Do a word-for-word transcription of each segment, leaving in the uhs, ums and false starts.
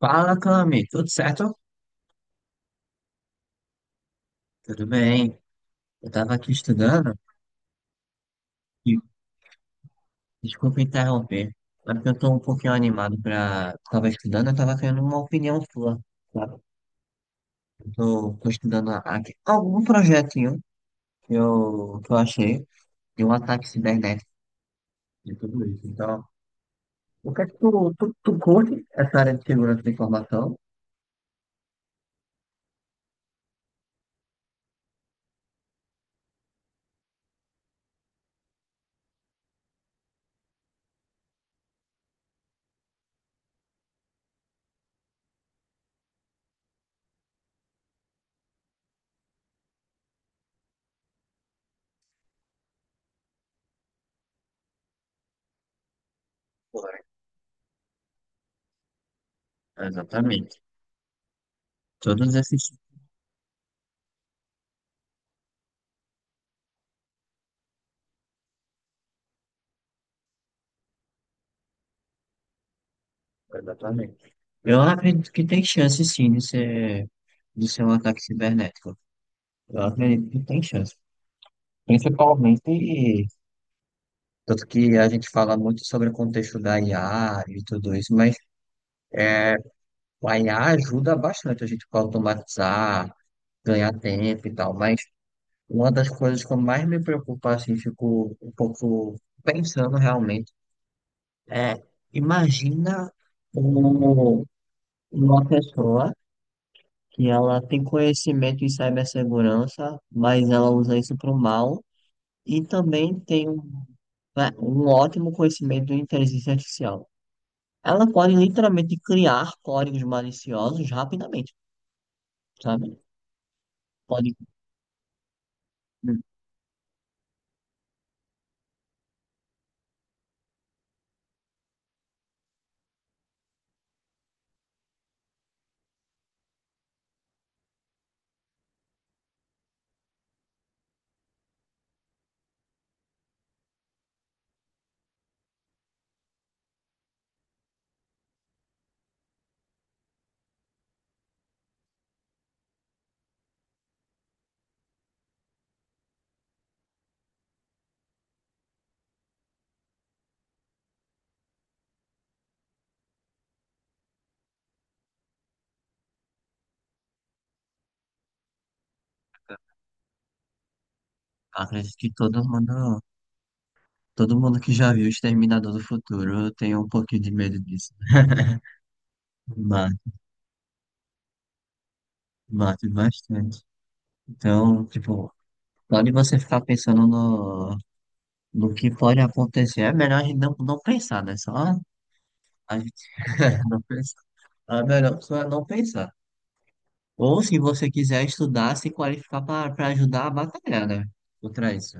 Fala, Cami, tudo certo? Tudo bem. Eu tava aqui estudando e desculpa interromper, mas porque eu tô um pouquinho animado pra. Tava estudando, eu tava querendo uma opinião sua, sabe? Eu tô, tô estudando aqui algum projetinho que eu, que eu achei de um ataque cibernético e tudo isso. Então, o que é que tu, tu, tu curte essa área de segurança da informação? Ué, exatamente. Todos esses. Exatamente. Eu acredito que tem chance sim de ser, de ser um ataque cibernético. Eu acredito tem chance. Principalmente, tanto que a gente fala muito sobre o contexto da I A e tudo isso, mas a I A ajuda bastante a gente para automatizar, ganhar tempo e tal. Mas uma das coisas que eu mais me preocupo, assim, fico um pouco pensando realmente, é, imagina um- uma pessoa que ela tem conhecimento em cibersegurança, mas ela usa isso para o mal. E também tem um, né, um ótimo conhecimento de inteligência artificial. Ela pode literalmente criar códigos maliciosos rapidamente, sabe? Pode. hum, Acredito que todo mundo, todo mundo que já viu Exterminador do Futuro tem um pouquinho de medo disso, né? Mate, mate bastante. Então, tipo, pode você ficar pensando no, no que pode acontecer. É melhor a gente não, não pensar, né? Só a gente não pensar. A melhor opção é não pensar. Ou se você quiser estudar, se qualificar para ajudar a batalhar, né? Contra isso,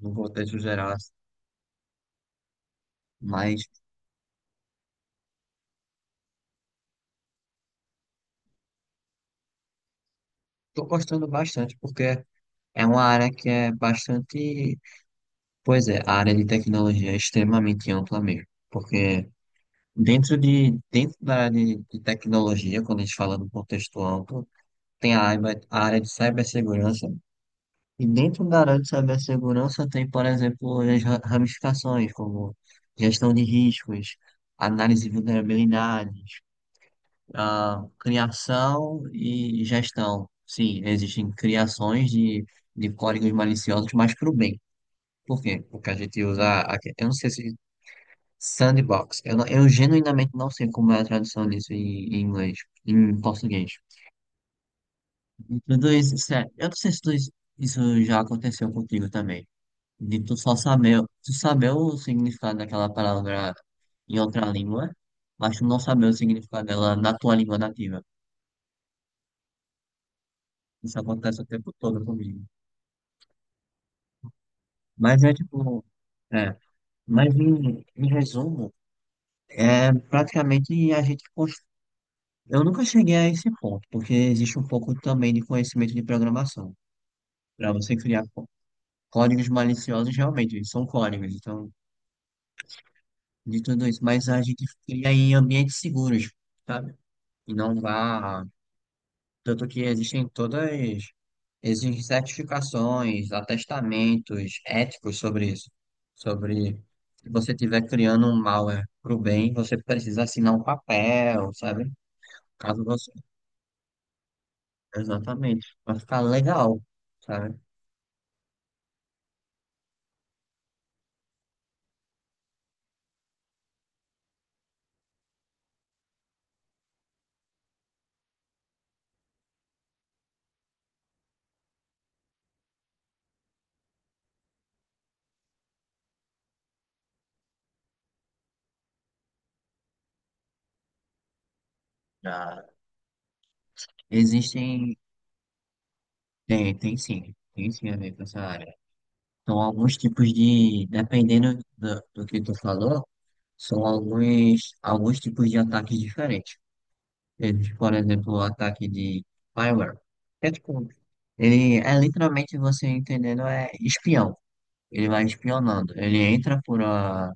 no contexto geral. Mas estou gostando bastante porque é uma área que é bastante. Pois é, a área de tecnologia é extremamente ampla mesmo. Porque dentro de, dentro da área de, de tecnologia, quando a gente fala do contexto amplo, tem a área, a área de cibersegurança. E dentro da área de cibersegurança tem, por exemplo, as ra- ramificações, como gestão de riscos, análise de vulnerabilidades, ah, criação e gestão. Sim, existem criações de, de códigos maliciosos, mas para o bem. Por quê? Porque a gente usa, aque- eu não sei se sandbox, eu, não- eu genuinamente não sei como é a tradução disso em, em inglês, em português. E tudo isso, sério, eu não sei se tudo isso isso já aconteceu contigo também. De tu só saber, tu saber o significado daquela palavra em outra língua, mas tu não saber o significado dela na tua língua nativa. Isso acontece o tempo todo comigo. Mas é tipo, é, mas em, em resumo, é praticamente a gente cons- eu nunca cheguei a esse ponto, porque existe um pouco também de conhecimento de programação. Para você criar có- códigos maliciosos, realmente, eles são códigos, então, de tudo isso. Mas a gente cria em ambientes seguros, sabe? E não vá. Tanto que existem todas, existem certificações, atestamentos éticos sobre isso. Sobre se você estiver criando um malware para o bem, você precisa assinar um papel, sabe? Caso você. Exatamente. Para ficar legal, sabe? Ah, existem. Tem, tem sim. Tem sim a ver com essa área. São alguns tipos de. Dependendo do, do que tu falou, são alguns, alguns tipos de ataques diferentes. Eles, por exemplo, o ataque de spyware, que é tipo, ele é literalmente você entendendo, é espião. Ele vai espionando. Ele entra por a.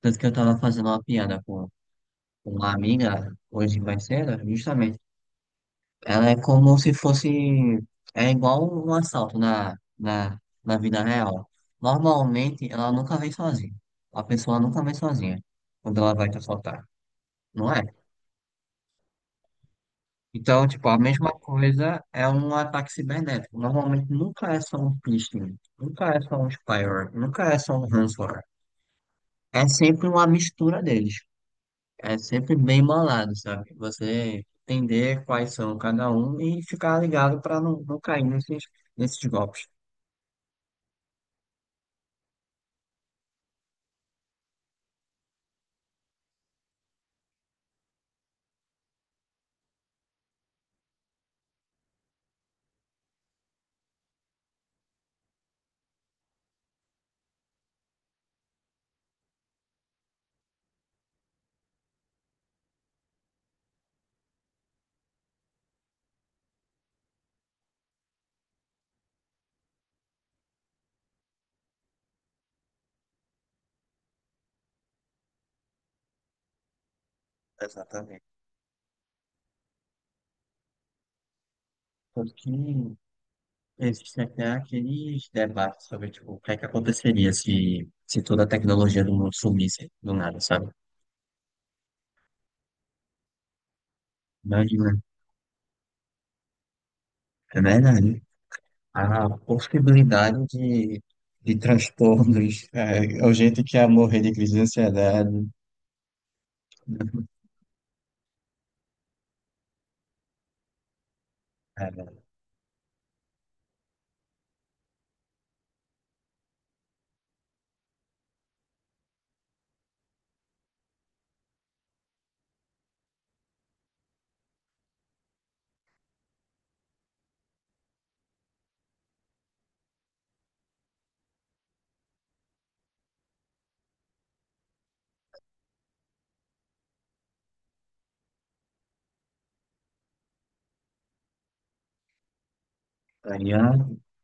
Tanto que eu tava fazendo uma piada com com uma amiga hoje mais cedo, justamente. Ela é como se fosse. É igual um assalto na, na, na vida real. Normalmente, ela nunca vem sozinha. A pessoa nunca vem sozinha quando ela vai te assaltar. Não é? Então, tipo, a mesma coisa é um ataque cibernético. Normalmente nunca é só um phishing, nunca é só um spyware, nunca é só um ransomware. É sempre uma mistura deles. É sempre bem malado, sabe? Você entender quais são cada um e ficar ligado para não, não cair nesses, nesses golpes. Exatamente. Tanto que existe até aqueles debates sobre, tipo, o que é que aconteceria se, se toda a tecnologia do mundo sumisse do nada, sabe? Imagina. É verdade. A possibilidade de, de transtornos, é, é o jeito que ia morrer de crise de ansiedade, né? é, Seria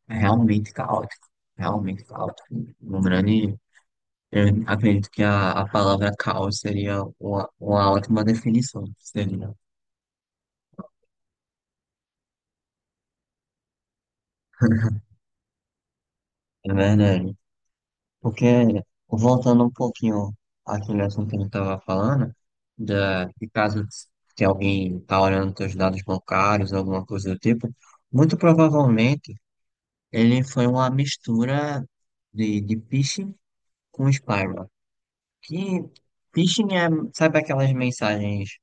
realmente caótico, realmente caótico. Um grande, eu acredito que a, a palavra caos seria uma, uma ótima definição, seria. É verdade. Porque, voltando um pouquinho àquele assunto que a gente estava falando, da, de caso se alguém está olhando seus dados bancários, alguma coisa do tipo, muito provavelmente ele foi uma mistura de, de phishing com spyware. Que phishing é, sabe aquelas mensagens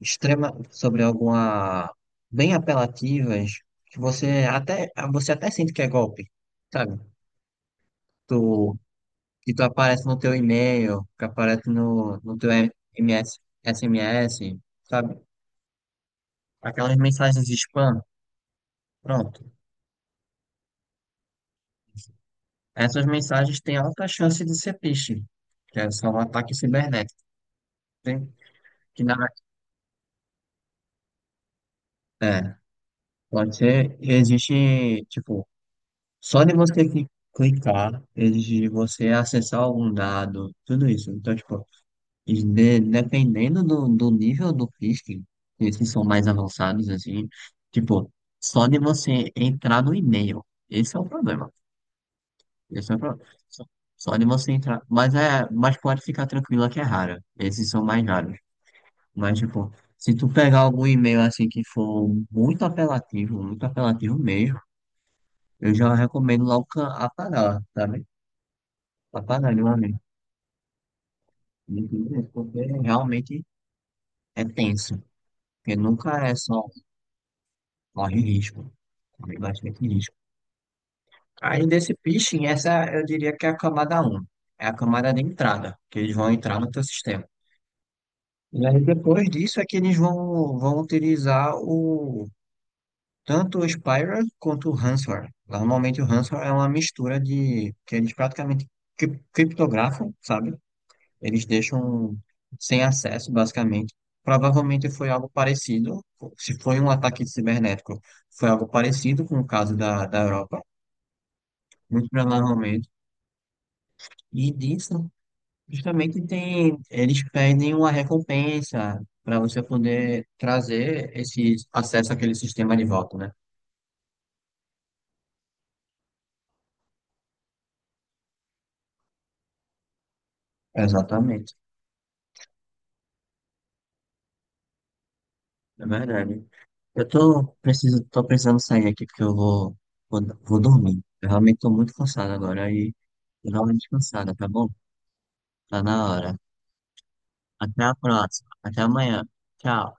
extrema sobre alguma, bem apelativas, que você até, você até sente que é golpe, sabe? Tu Que tu aparece no teu e-mail, que aparece no, no teu M S, S M S, sabe? Aquelas mensagens de spam, pronto. Essas mensagens têm alta chance de ser phishing, que é só um ataque cibernético. Tem, que na, é, é, pode ser, existe, tipo, só de você cli- clicar, exige de você acessar algum dado, tudo isso. Então, tipo, e de- dependendo do, do nível do phishing, esses são mais avançados, assim, tipo, só de você entrar no e-mail, esse é o problema. Esse é o problema. Só, só de você entrar, mas é, mas pode ficar tranquila que é rara. Esses são mais raros. Mas, tipo, se tu pegar algum e-mail assim que for muito apelativo, muito apelativo mesmo, eu já recomendo logo can- apagar, sabe? Apagar de uma vez. Porque realmente é tenso. Porque nunca é só corre risco, corre bastante risco. Aí desse phishing, essa eu diria que é a camada um, é a camada de entrada, que eles vão entrar no teu sistema. E aí depois disso é que eles vão, vão utilizar o tanto o Spyware quanto o Ransomware. Normalmente o Ransomware é uma mistura de que eles praticamente cri- criptografam, sabe? Eles deixam sem acesso, basicamente. Provavelmente foi algo parecido, se foi um ataque cibernético, foi algo parecido com o caso da, da Europa muito provavelmente. E disso, justamente tem, eles pedem uma recompensa para você poder trazer esse acesso àquele sistema de volta, né? Exatamente, é verdade. Eu tô, preciso, tô precisando sair aqui porque eu vou, vou, vou dormir. Eu realmente tô muito cansado agora e eu dou uma descansada, tá bom? Tá na hora. Até a próxima. Até amanhã. Tchau.